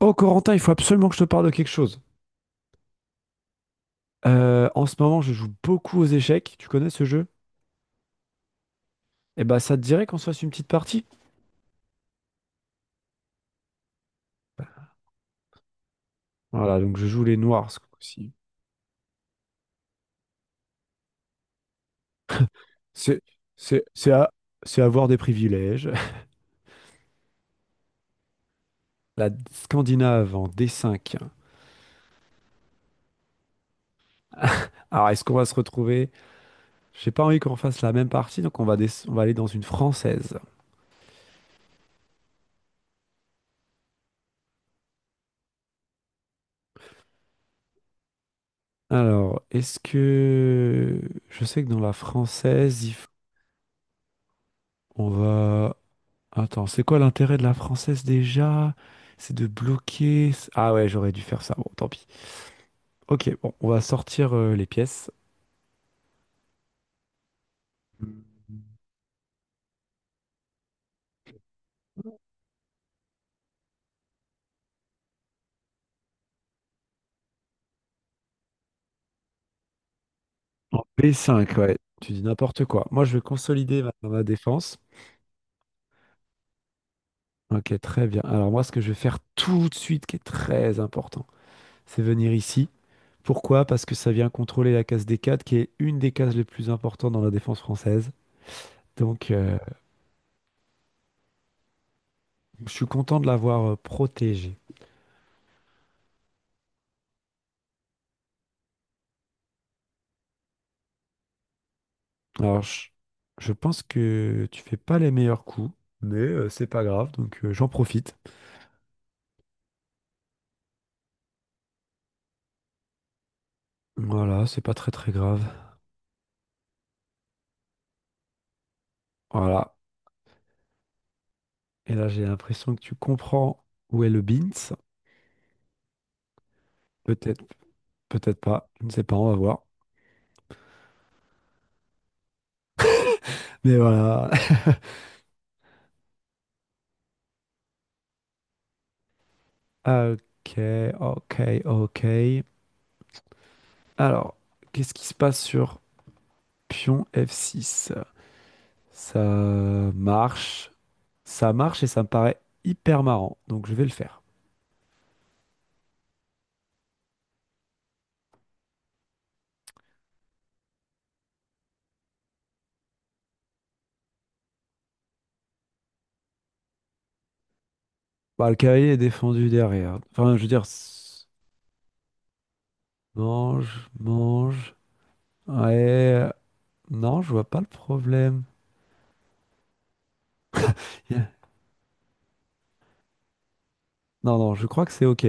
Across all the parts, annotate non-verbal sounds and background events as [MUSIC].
Oh Corentin, il faut absolument que je te parle de quelque chose. En ce moment, je joue beaucoup aux échecs. Tu connais ce jeu? Eh ben, ça te dirait qu'on se fasse une petite partie? Voilà, donc je joue les noirs ce coup-ci. C'est, c'est, c'est à- c'est avoir des privilèges. [LAUGHS] La Scandinave en D5. Alors, est-ce qu'on va se retrouver? J'ai pas envie qu'on fasse la même partie, on va aller dans une française. Alors, Je sais que dans la française, il f- on va... Attends, c'est quoi l'intérêt de la française déjà? C'est de bloquer. Ah ouais, j'aurais dû faire ça. Bon, tant pis. Ok, bon, on va sortir les pièces. En B5, ouais. Tu dis n'importe quoi. Moi, je vais consolider ma défense. Ok, très bien. Alors moi, ce que je vais faire tout de suite, qui est très important, c'est venir ici. Pourquoi? Parce que ça vient contrôler la case des 4 qui est une des cases les plus importantes dans la défense française. Donc, je suis content de l'avoir protégée. Alors, je pense que tu fais pas les meilleurs coups, mais c'est pas grave, donc j'en profite. Voilà, c'est pas très très grave. Voilà. Et là, j'ai l'impression que tu comprends où est le bint. Peut-être, peut-être pas. Je ne sais pas, on va voir. Mais voilà. [LAUGHS] Ok, ok, ok. Alors, qu'est-ce qui se passe sur pion F6? Ça marche. Ça marche et ça me paraît hyper marrant. Donc, je vais le faire. Bah, le cavalier est défendu derrière. Enfin, je veux dire. Mange, mange. Ouais. Non, je vois pas le problème. Yeah. Non, non, je crois que c'est OK.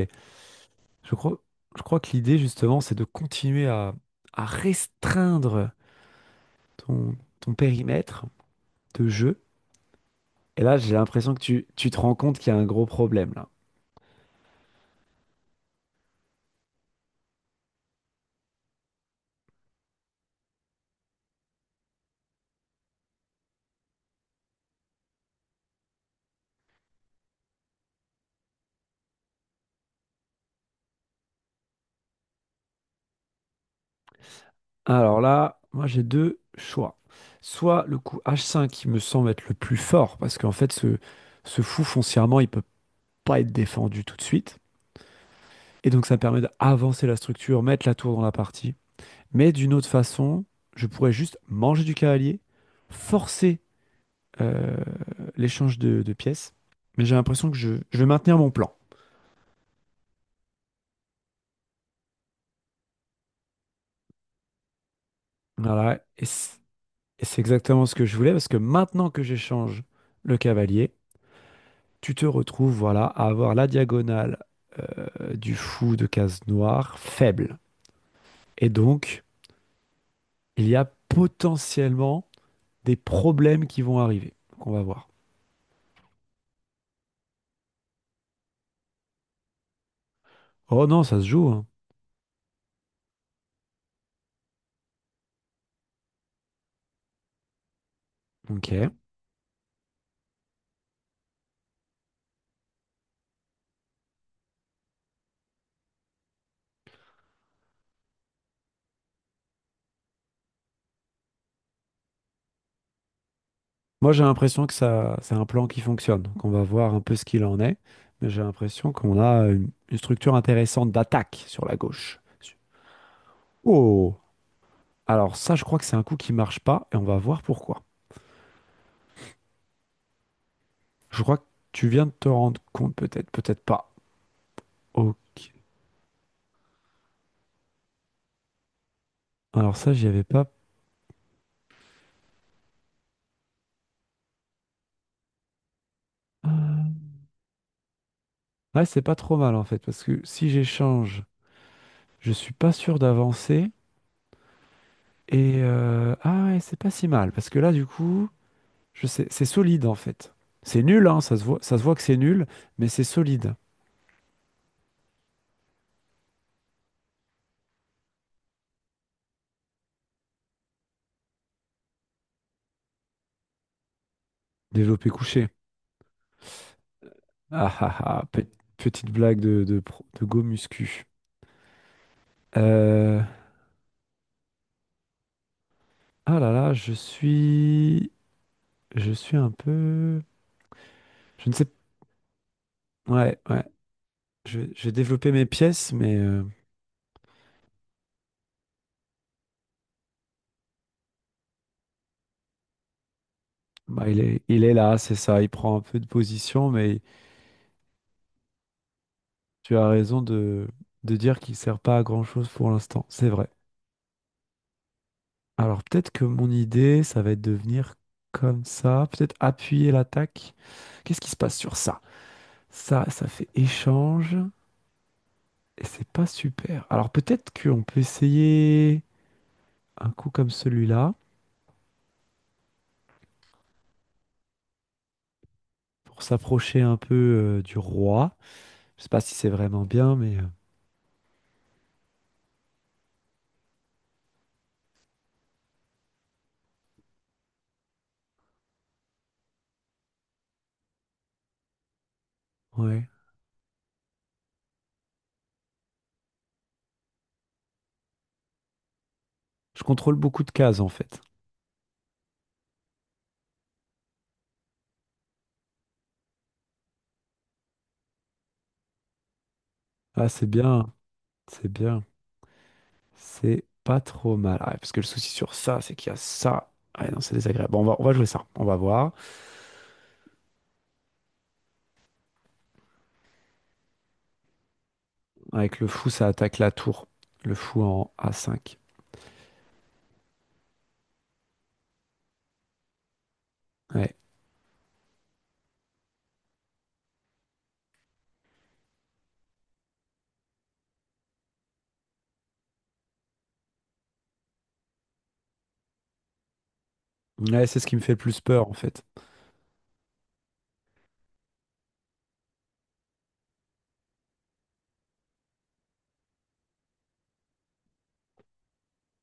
Je crois, je crois que l'idée, justement, c'est de continuer à restreindre ton périmètre de jeu. Et là, j'ai l'impression que tu te rends compte qu'il y a un gros problème, là. Alors là, moi, j'ai deux choix. Soit le coup H5 qui me semble être le plus fort, parce qu'en fait, ce fou, foncièrement, il peut pas être défendu tout de suite. Et donc, ça permet d'avancer la structure, mettre la tour dans la partie. Mais d'une autre façon, je pourrais juste manger du cavalier, forcer euh, l'échange de pièces. Mais j'ai l'impression que je vais maintenir mon plan. Voilà, et c- et c'est exactement ce que je voulais, parce que maintenant que j'échange le cavalier, tu te retrouves voilà, à avoir la diagonale du fou de case noire faible. Et donc, il y a potentiellement des problèmes qui vont arriver. Donc, on va voir. Oh non, ça se joue, hein. Ok. Moi, j'ai l'impression que ça, c'est un plan qui fonctionne, qu'on va voir un peu ce qu'il en est, mais j'ai l'impression qu'on a une structure intéressante d'attaque sur la gauche. Oh! Alors ça, je crois que c'est un coup qui marche pas, et on va voir pourquoi. Je crois que tu viens de te rendre compte, peut-être, peut-être pas. Ok. Alors ça, j'y avais pas... Euh, Ouais, c'est pas trop mal, en fait, parce que si j'échange, je suis pas sûr d'avancer, Ah ouais, c'est pas si mal, parce que là, du coup... Je sais, c'est solide en fait. C'est nul, hein, ça se voit que c'est nul, mais c'est solide. Développé couché. Ah ah ah, pe- Petite blague de go muscu. Euh, ah là là, je suis un peu, je ne sais, ouais ouais. Je vais développer mes pièces, mais bah, il est là, c'est ça. Il prend un peu de position, mais tu as raison de dire qu'il sert pas à grand chose pour l'instant. C'est vrai. Alors peut-être que mon idée, ça va être de venir comme ça, peut-être appuyer l'attaque. Qu'est-ce qui se passe sur ça? Ça fait échange et c'est pas super. Alors peut-être qu'on peut essayer un coup comme celui-là pour s'approcher un peu du roi. Je sais pas si c'est vraiment bien, mais ouais. Je contrôle beaucoup de cases en fait. Ah, c'est bien, c'est bien, c'est pas trop mal. Ah, ouais, parce que le souci sur ça, c'est qu'il y a ça. Ah ouais, non, c'est désagréable. Bon, on va jouer ça. On va voir. Avec le fou, ça attaque la tour. Le fou en a cinq. Ouais. Ouais, c'est ce qui me fait le plus peur, en fait.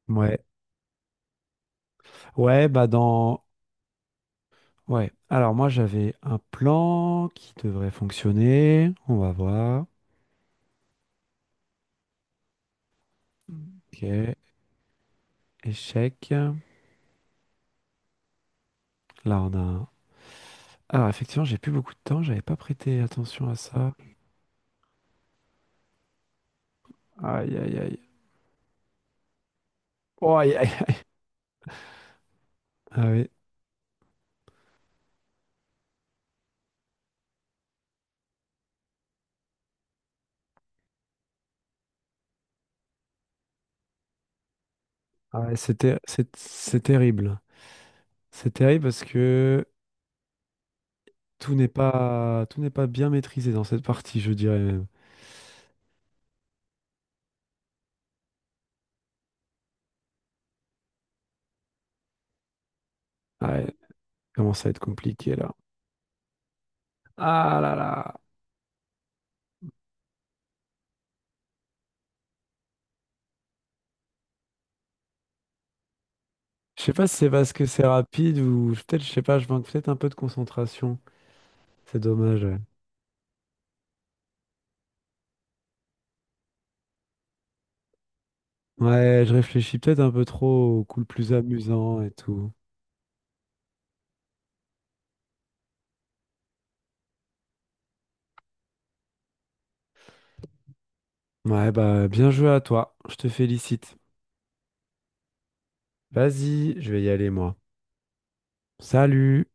Ouais. Ouais, bah dans... Ouais. Alors moi, j'avais un plan qui devrait fonctionner. On va voir. Ok. Échec. Là, on a un... Alors, effectivement, j'ai plus beaucoup de temps. J'avais pas prêté attention à ça. Aïe, aïe, aïe. Oh, aïe, aïe, aïe. Ah oui. C'est terrible. C'est terrible parce que tout n'est pas bien maîtrisé dans cette partie, je dirais même. Ouais, commence à être compliqué là. Ah là là. Je sais pas si c'est parce que c'est rapide ou peut-être, je sais pas, je manque peut-être un peu de concentration. C'est dommage, ouais. Ouais, je réfléchis peut-être un peu trop au coup le plus amusant et tout. Ouais, bah bien joué à toi. Je te félicite. Vas-y, je vais y aller moi. Salut!